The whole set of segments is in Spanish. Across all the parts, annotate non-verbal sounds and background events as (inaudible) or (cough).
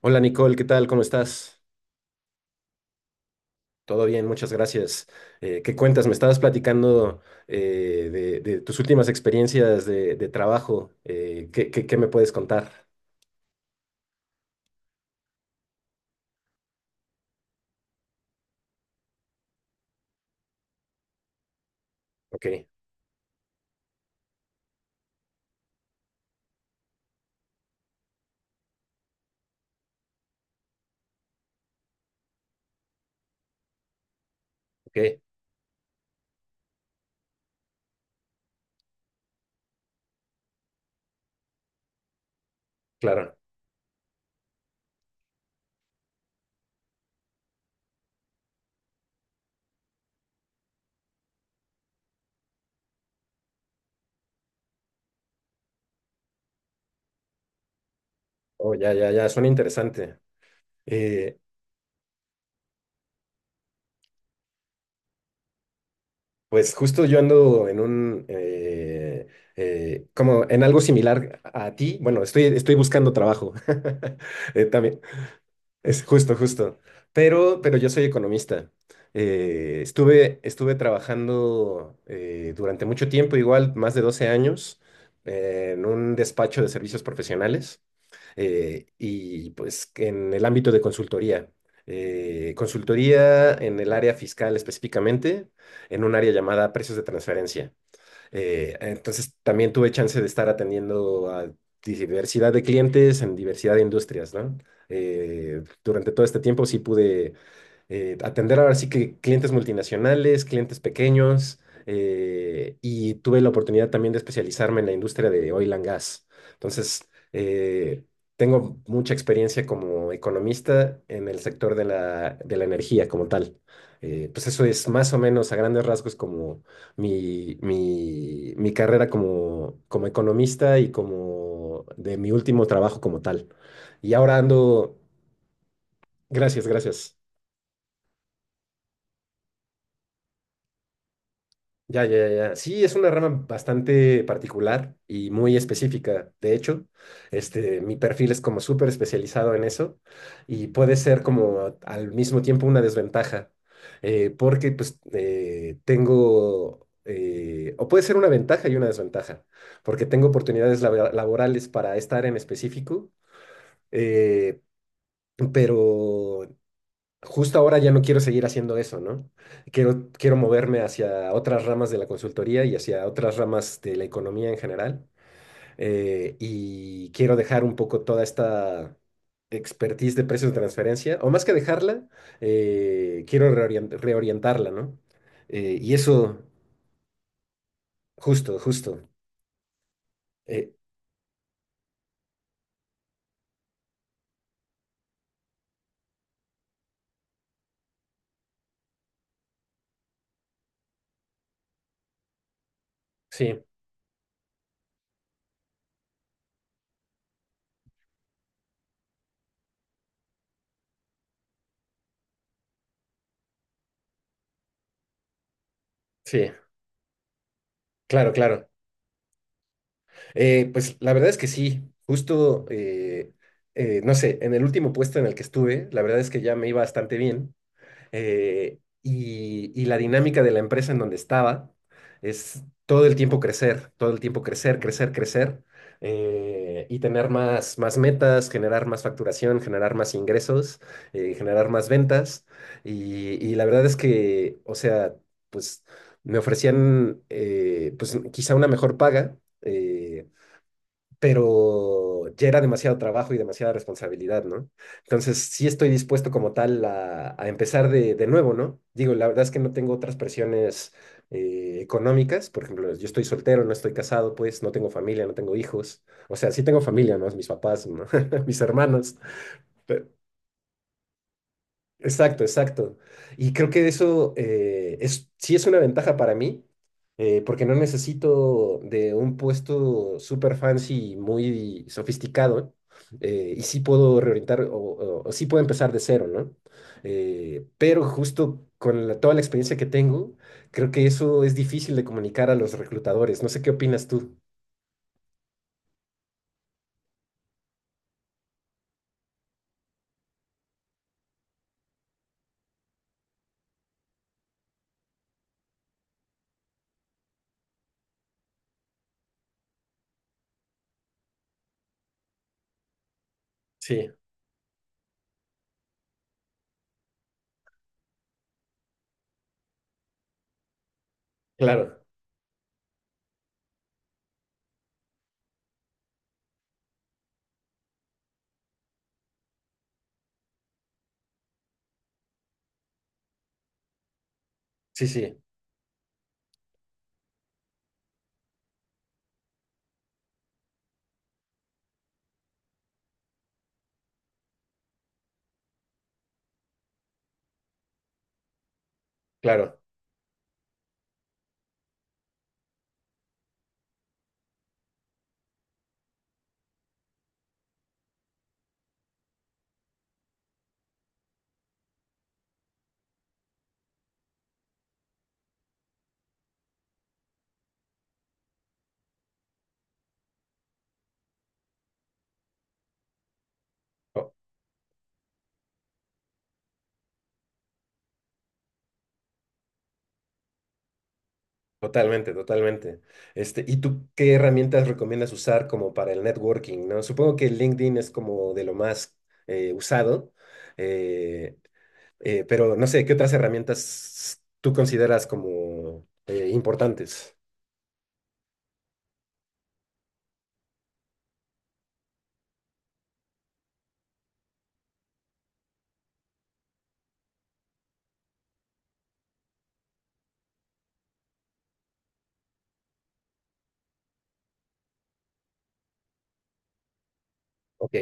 Hola Nicole, ¿qué tal? ¿Cómo estás? Todo bien, muchas gracias. ¿Qué cuentas? Me estabas platicando de tus últimas experiencias de trabajo. ¿Qué me puedes contar? Ok, ok, claro. Oh, ya, ya, ya, suena interesante. Eh, pues justo yo ando en como en algo similar a ti. Bueno, estoy buscando trabajo. (laughs) También, es justo, justo. Pero yo soy economista. Estuve trabajando durante mucho tiempo, igual más de 12 años, en un despacho de servicios profesionales y pues en el ámbito de consultoría. Consultoría en el área fiscal específicamente, en un área llamada precios de transferencia. Entonces también tuve chance de estar atendiendo a diversidad de clientes en diversidad de industrias, ¿no? Durante todo este tiempo sí pude atender ahora sí que clientes multinacionales, clientes pequeños, y tuve la oportunidad también de especializarme en la industria de oil and gas. Entonces, tengo mucha experiencia como economista en el sector de la energía como tal. Pues eso es más o menos a grandes rasgos como mi carrera como economista y como de mi último trabajo como tal. Y ahora ando, gracias, gracias. Ya, ya, ya. Sí, es una rama bastante particular y muy específica. De hecho, este, mi perfil es como súper especializado en eso y puede ser como al mismo tiempo una desventaja, o puede ser una ventaja y una desventaja, porque tengo oportunidades laborales para estar en específico, eh, pero justo ahora ya no quiero seguir haciendo eso, ¿no? Quiero moverme hacia otras ramas de la consultoría y hacia otras ramas de la economía en general. Y quiero dejar un poco toda esta expertise de precios de transferencia, o más que dejarla, quiero reorientarla, ¿no? Y eso, justo, justo. eh, sí, sí, claro, claro. Pues la verdad es que sí, justo, no sé, en el último puesto en el que estuve, la verdad es que ya me iba bastante bien. Y la dinámica de la empresa en donde estaba es todo el tiempo crecer, todo el tiempo crecer, crecer, crecer, y tener más metas, generar más facturación, generar más ingresos, generar más ventas. Y la verdad es que, o sea, pues me ofrecían pues quizá una mejor paga. Pero ya era demasiado trabajo y demasiada responsabilidad, ¿no? Entonces, sí estoy dispuesto como tal a empezar de nuevo, ¿no? Digo, la verdad es que no tengo otras presiones económicas, por ejemplo, yo estoy soltero, no estoy casado, pues no tengo familia, no tengo hijos, o sea, sí tengo familia, ¿no? Mis papás, ¿no? (laughs) mis hermanos, pe- exacto, exacto. Y creo que sí es una ventaja para mí, porque no necesito de un puesto super fancy, muy sofisticado, y sí puedo reorientar o sí puedo empezar de cero, ¿no? Pero justo con toda la experiencia que tengo, creo que eso es difícil de comunicar a los reclutadores. No sé qué opinas tú. Sí, claro. Sí, sí, claro. Totalmente, totalmente. Este, ¿y tú qué herramientas recomiendas usar como para el networking, ¿no? Supongo que LinkedIn es como de lo más usado, eh, pero no sé, ¿qué otras herramientas tú consideras como importantes? Ok,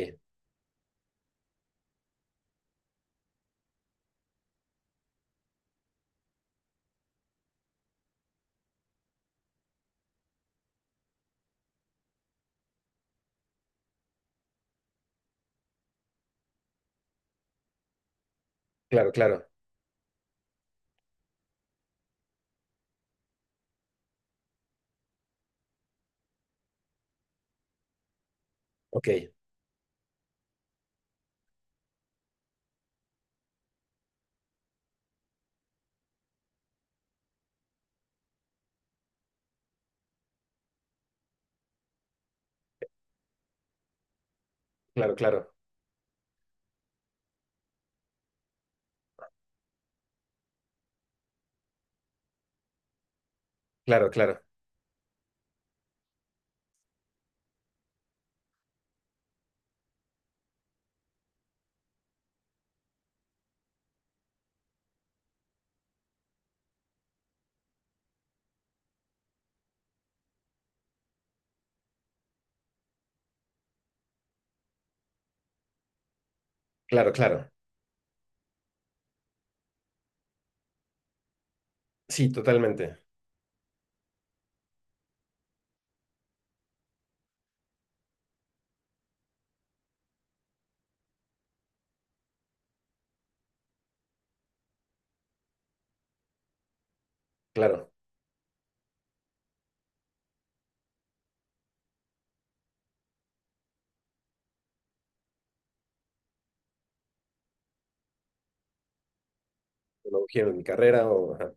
claro, claro. Ok, claro, claro, claro, claro, claro, claro. Sí, totalmente. Claro. Lo quiero en mi carrera o... ajá.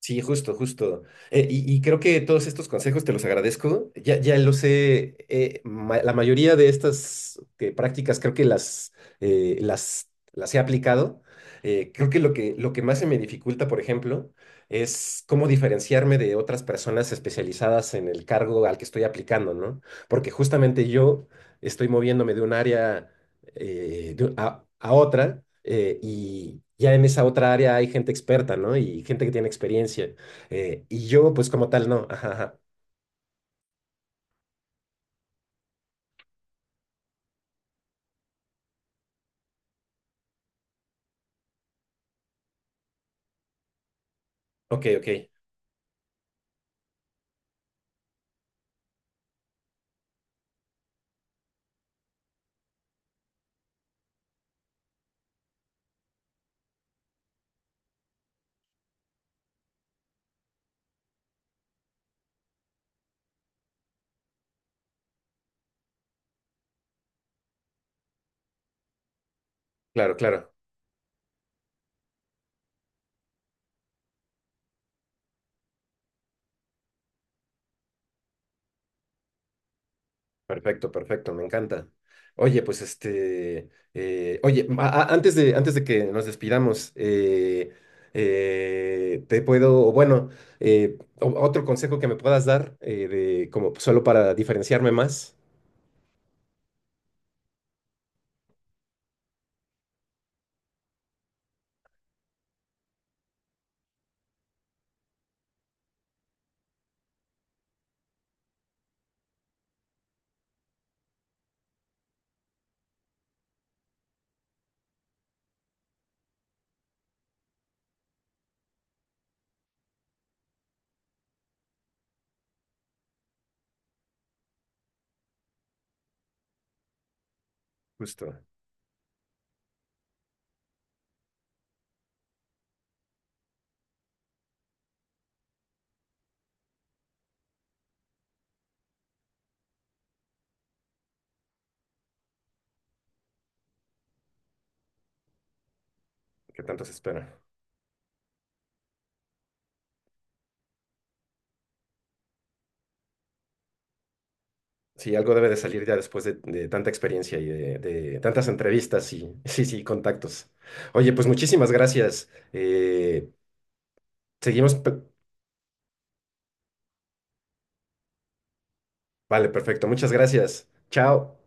Sí, justo, justo. Y creo que todos estos consejos te los agradezco. Ya, ya los sé, la mayoría de estas prácticas creo que las he aplicado. Creo que lo lo que más se me dificulta, por ejemplo, es cómo diferenciarme de otras personas especializadas en el cargo al que estoy aplicando, ¿no? Porque justamente yo estoy moviéndome de un área a otra y ya en esa otra área hay gente experta, ¿no? Y gente que tiene experiencia. Y yo, pues como tal, no. Ajá, ajá. Ok, ok. Claro, claro. Perfecto, perfecto. Me encanta. Oye, pues este, oye, antes de que nos despidamos, te puedo, o bueno, otro consejo que me puedas dar, de, como solo para diferenciarme más. Justo, que tanto se espera. Sí, algo debe de salir ya después de tanta experiencia y de tantas entrevistas y (laughs) sí, sí, contactos. Oye, pues muchísimas gracias. Seguimos. Vale, perfecto. Muchas gracias. Chao.